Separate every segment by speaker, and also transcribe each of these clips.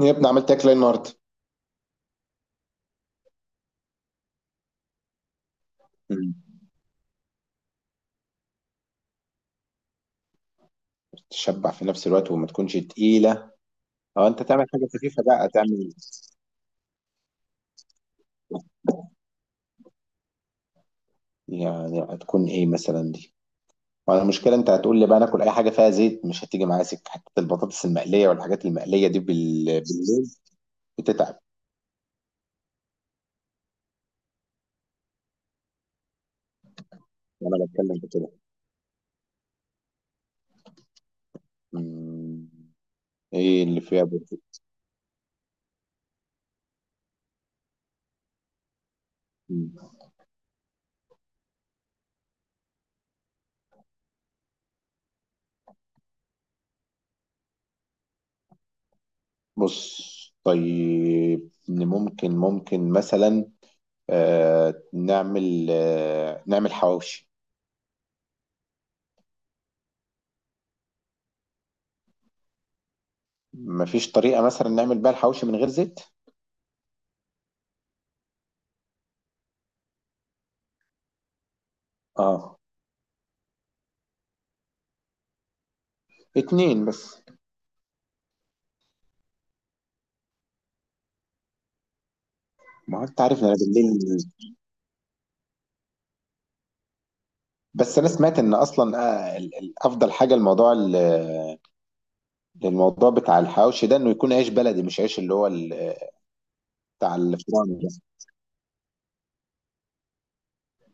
Speaker 1: يا ابني عملت اكل إيه النهارده؟ مم. تشبع في نفس الوقت وما تكونش تقيله. او انت تعمل حاجه خفيفه بقى تعمل. يعني هتكون ايه مثلا دي؟ وانا المشكله انت هتقول لي بقى ناكل اي حاجه فيها زيت، مش هتيجي معايا سكه، حتى البطاطس المقليه والحاجات المقليه دي بالليل. بتتعب. وانا بتكلم في كده. مم. ايه اللي فيها بروتين؟ مم. بص، طيب إن ممكن مثلا نعمل نعمل حواوشي. مفيش طريقة مثلا نعمل بيها الحواوشي من غير زيت؟ اه، اتنين بس. ما هو انت عارف إن انا بالليل. بس انا سمعت ان اصلا افضل حاجة الموضوع، الموضوع بتاع الحواوشي ده انه يكون عيش بلدي، مش عيش اللي هو بتاع الفرن ده.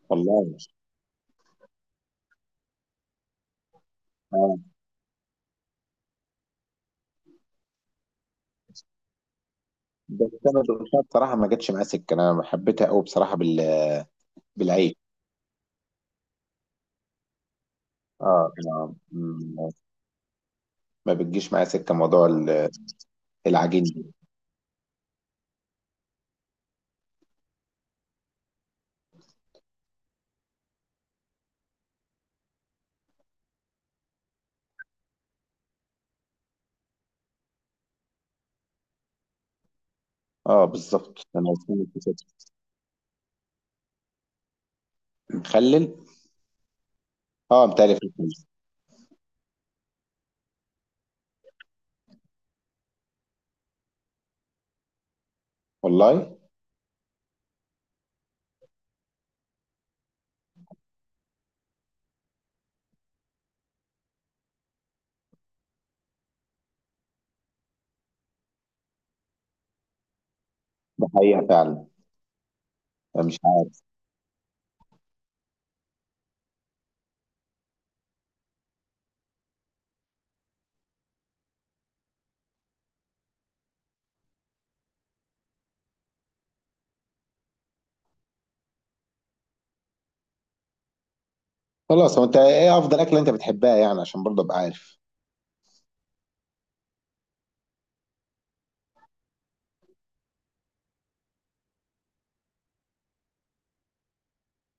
Speaker 1: والله. اه بس انا دقتها بصراحة ما جاتش معايا سكة، انا حبيتها قوي بصراحة بالعيش. اه آه. ما بتجيش معايا سكة موضوع العجين ده. اه بالظبط، انا سمعت كده. مخلل. اه، متهيألي في الفيلم. والله. ده حقيقة فعلا. مش عارف. خلاص، هو انت ايه افضل اكلة انت بتحبها يعني عشان برضه ابقى عارف؟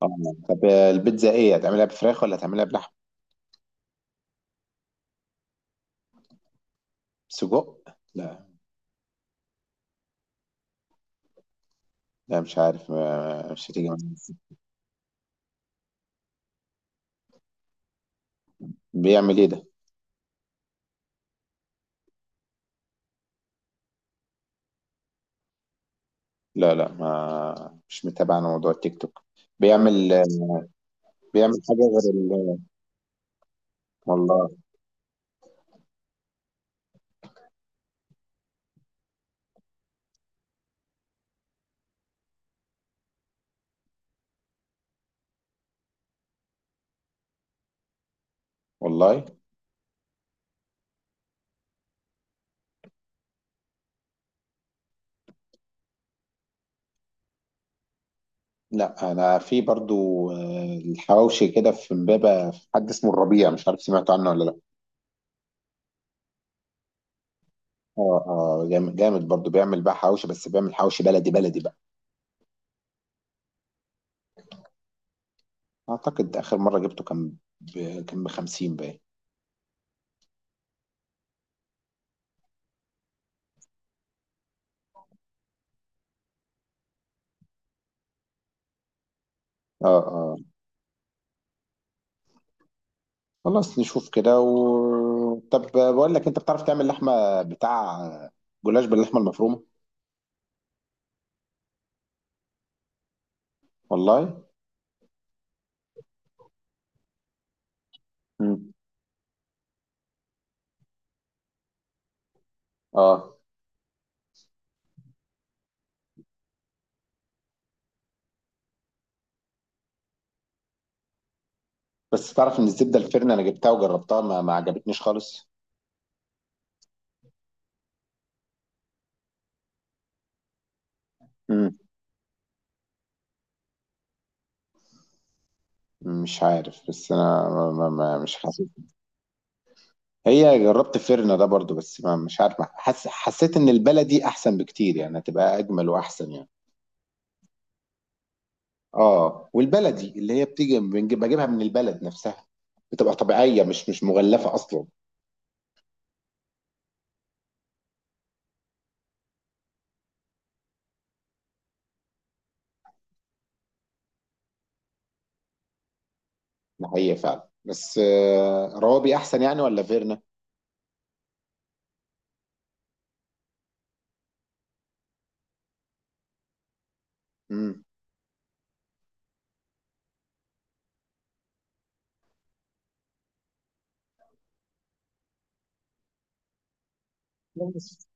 Speaker 1: اه. طب البيتزا ايه، هتعملها بفراخ ولا هتعملها بلحم؟ سجق؟ لا، لا، مش عارف مش هتيجي معايا. بيعمل ايه ده؟ لا لا، ما مش متابع انا موضوع التيك توك. بيعمل، بيعمل حاجة غير ال... والله. والله. لا، انا في برضو الحواوشي كده في امبابة، في حد اسمه الربيع، مش عارف سمعت عنه ولا لا؟ اه اه، جامد جامد، برضو بيعمل بقى حواوشي، بس بيعمل حواوشي بلدي بلدي بقى. اعتقد اخر مره جبته كان ب... كان ب 50 باين. اه اه. خلاص نشوف كده طب بقول لك، انت بتعرف تعمل لحمه بتاع جلاش باللحمه المفرومه؟ والله. امم. اه بس تعرف ان الزبده الفرن انا جبتها وجربتها ما عجبتنيش خالص. امم، مش عارف، بس انا ما مش حاسس. هي جربت فرن ده برضو، بس ما مش عارف حسيت ان البلدي احسن بكتير يعني، هتبقى اجمل واحسن يعني. اه، والبلدي اللي هي بتيجي بنجيب، بجيبها من البلد نفسها، بتبقى طبيعية، مش مش مغلفة أصلا. ده حقيقة فعلا، بس آه، روابي أحسن يعني ولا فيرنا؟ مم. بس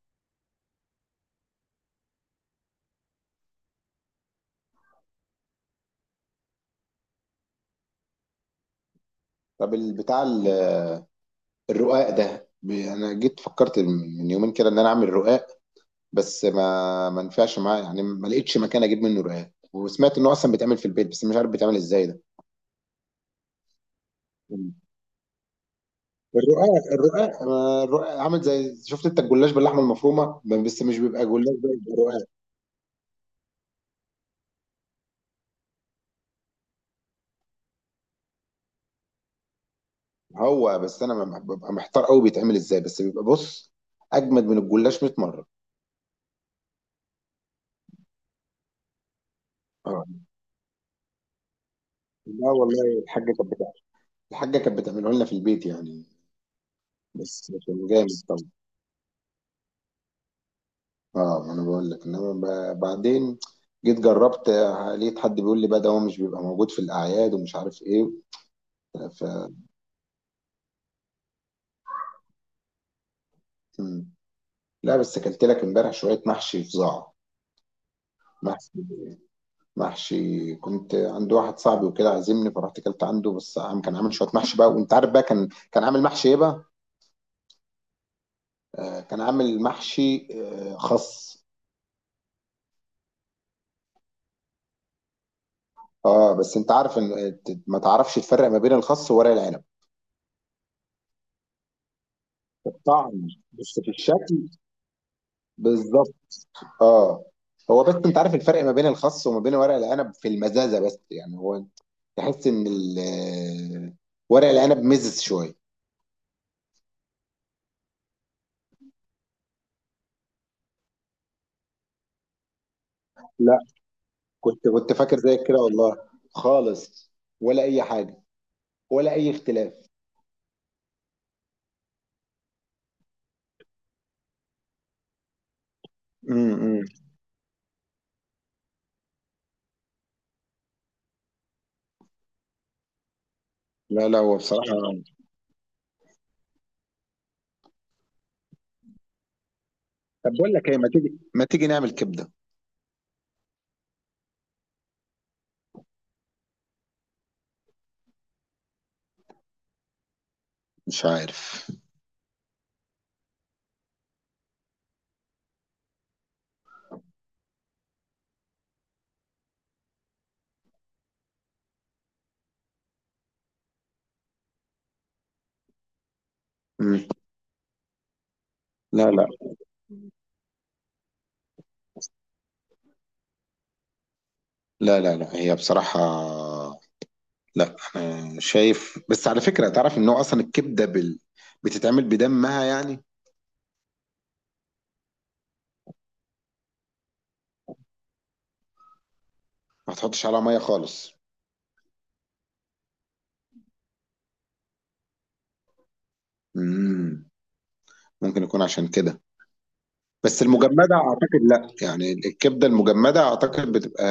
Speaker 1: طب بتاع الرقاق ده، انا جيت فكرت من يومين كده ان انا اعمل رقاق، بس ما نفعش معايا يعني، ما لقيتش مكان اجيب منه رقاق، وسمعت انه اصلا بيتعمل في البيت بس مش عارف بيتعمل ازاي ده. مم. الرقاق آه، الرقاق عامل زي، شفت انت الجلاش باللحمه المفرومه، بس مش بيبقى جلاش بقى، بيبقى رقاق. هو بس انا ببقى محتار قوي بيتعمل ازاي، بس بيبقى بص، اجمد من الجلاش 100 مره. اه لا، والله الحاجه كانت بتعمل، الحاجه كانت بتعمله لنا في البيت يعني. بس كان جامد طبعا. اه، ما انا بقول لك انما بعدين جيت جربت، آه لقيت حد بيقول لي بقى ده هو مش بيبقى موجود في الاعياد ومش عارف ايه. ف م. لا بس اكلت لك امبارح شويه محشي فظاع. محشي محشي كنت عند واحد صاحبي وكده عازمني، فرحت اكلت عنده، بس كان عامل شويه محشي بقى، وانت عارف بقى كان عامل محشي ايه بقى؟ آه، كان عامل محشي آه، خس. اه، بس انت عارف ان ما تعرفش تفرق ما بين الخس وورق العنب في الطعم، بس في الشكل بالظبط. اه، هو بس انت عارف الفرق ما بين الخس وما بين ورق العنب في المزازه بس يعني، هو تحس ان آه، ورق العنب مزز شويه. لا، كنت فاكر زيك كده والله، خالص، ولا اي حاجه، ولا اي اختلاف. امم. لا لا، هو بصراحه، طب بقول لك ايه، ما تيجي، ما تيجي نعمل كبده. مش عارف. لا لا لا لا، لا هي بصراحة، لا أنا شايف، بس على فكرة تعرف إن هو أصلا الكبدة بتتعمل بدمها يعني. ما تحطش عليها مية خالص. مم. ممكن يكون عشان كده. بس المجمدة أعتقد لا يعني الكبدة المجمدة أعتقد بتبقى.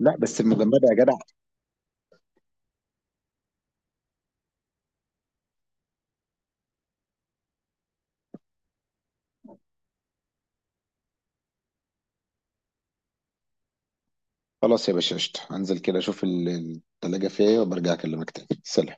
Speaker 1: لا بس المجمدة يا جدع. خلاص يا باشا قشطة، هنزل كده أشوف التلاجة فيها إيه وبرجع أكلمك تاني. سلام.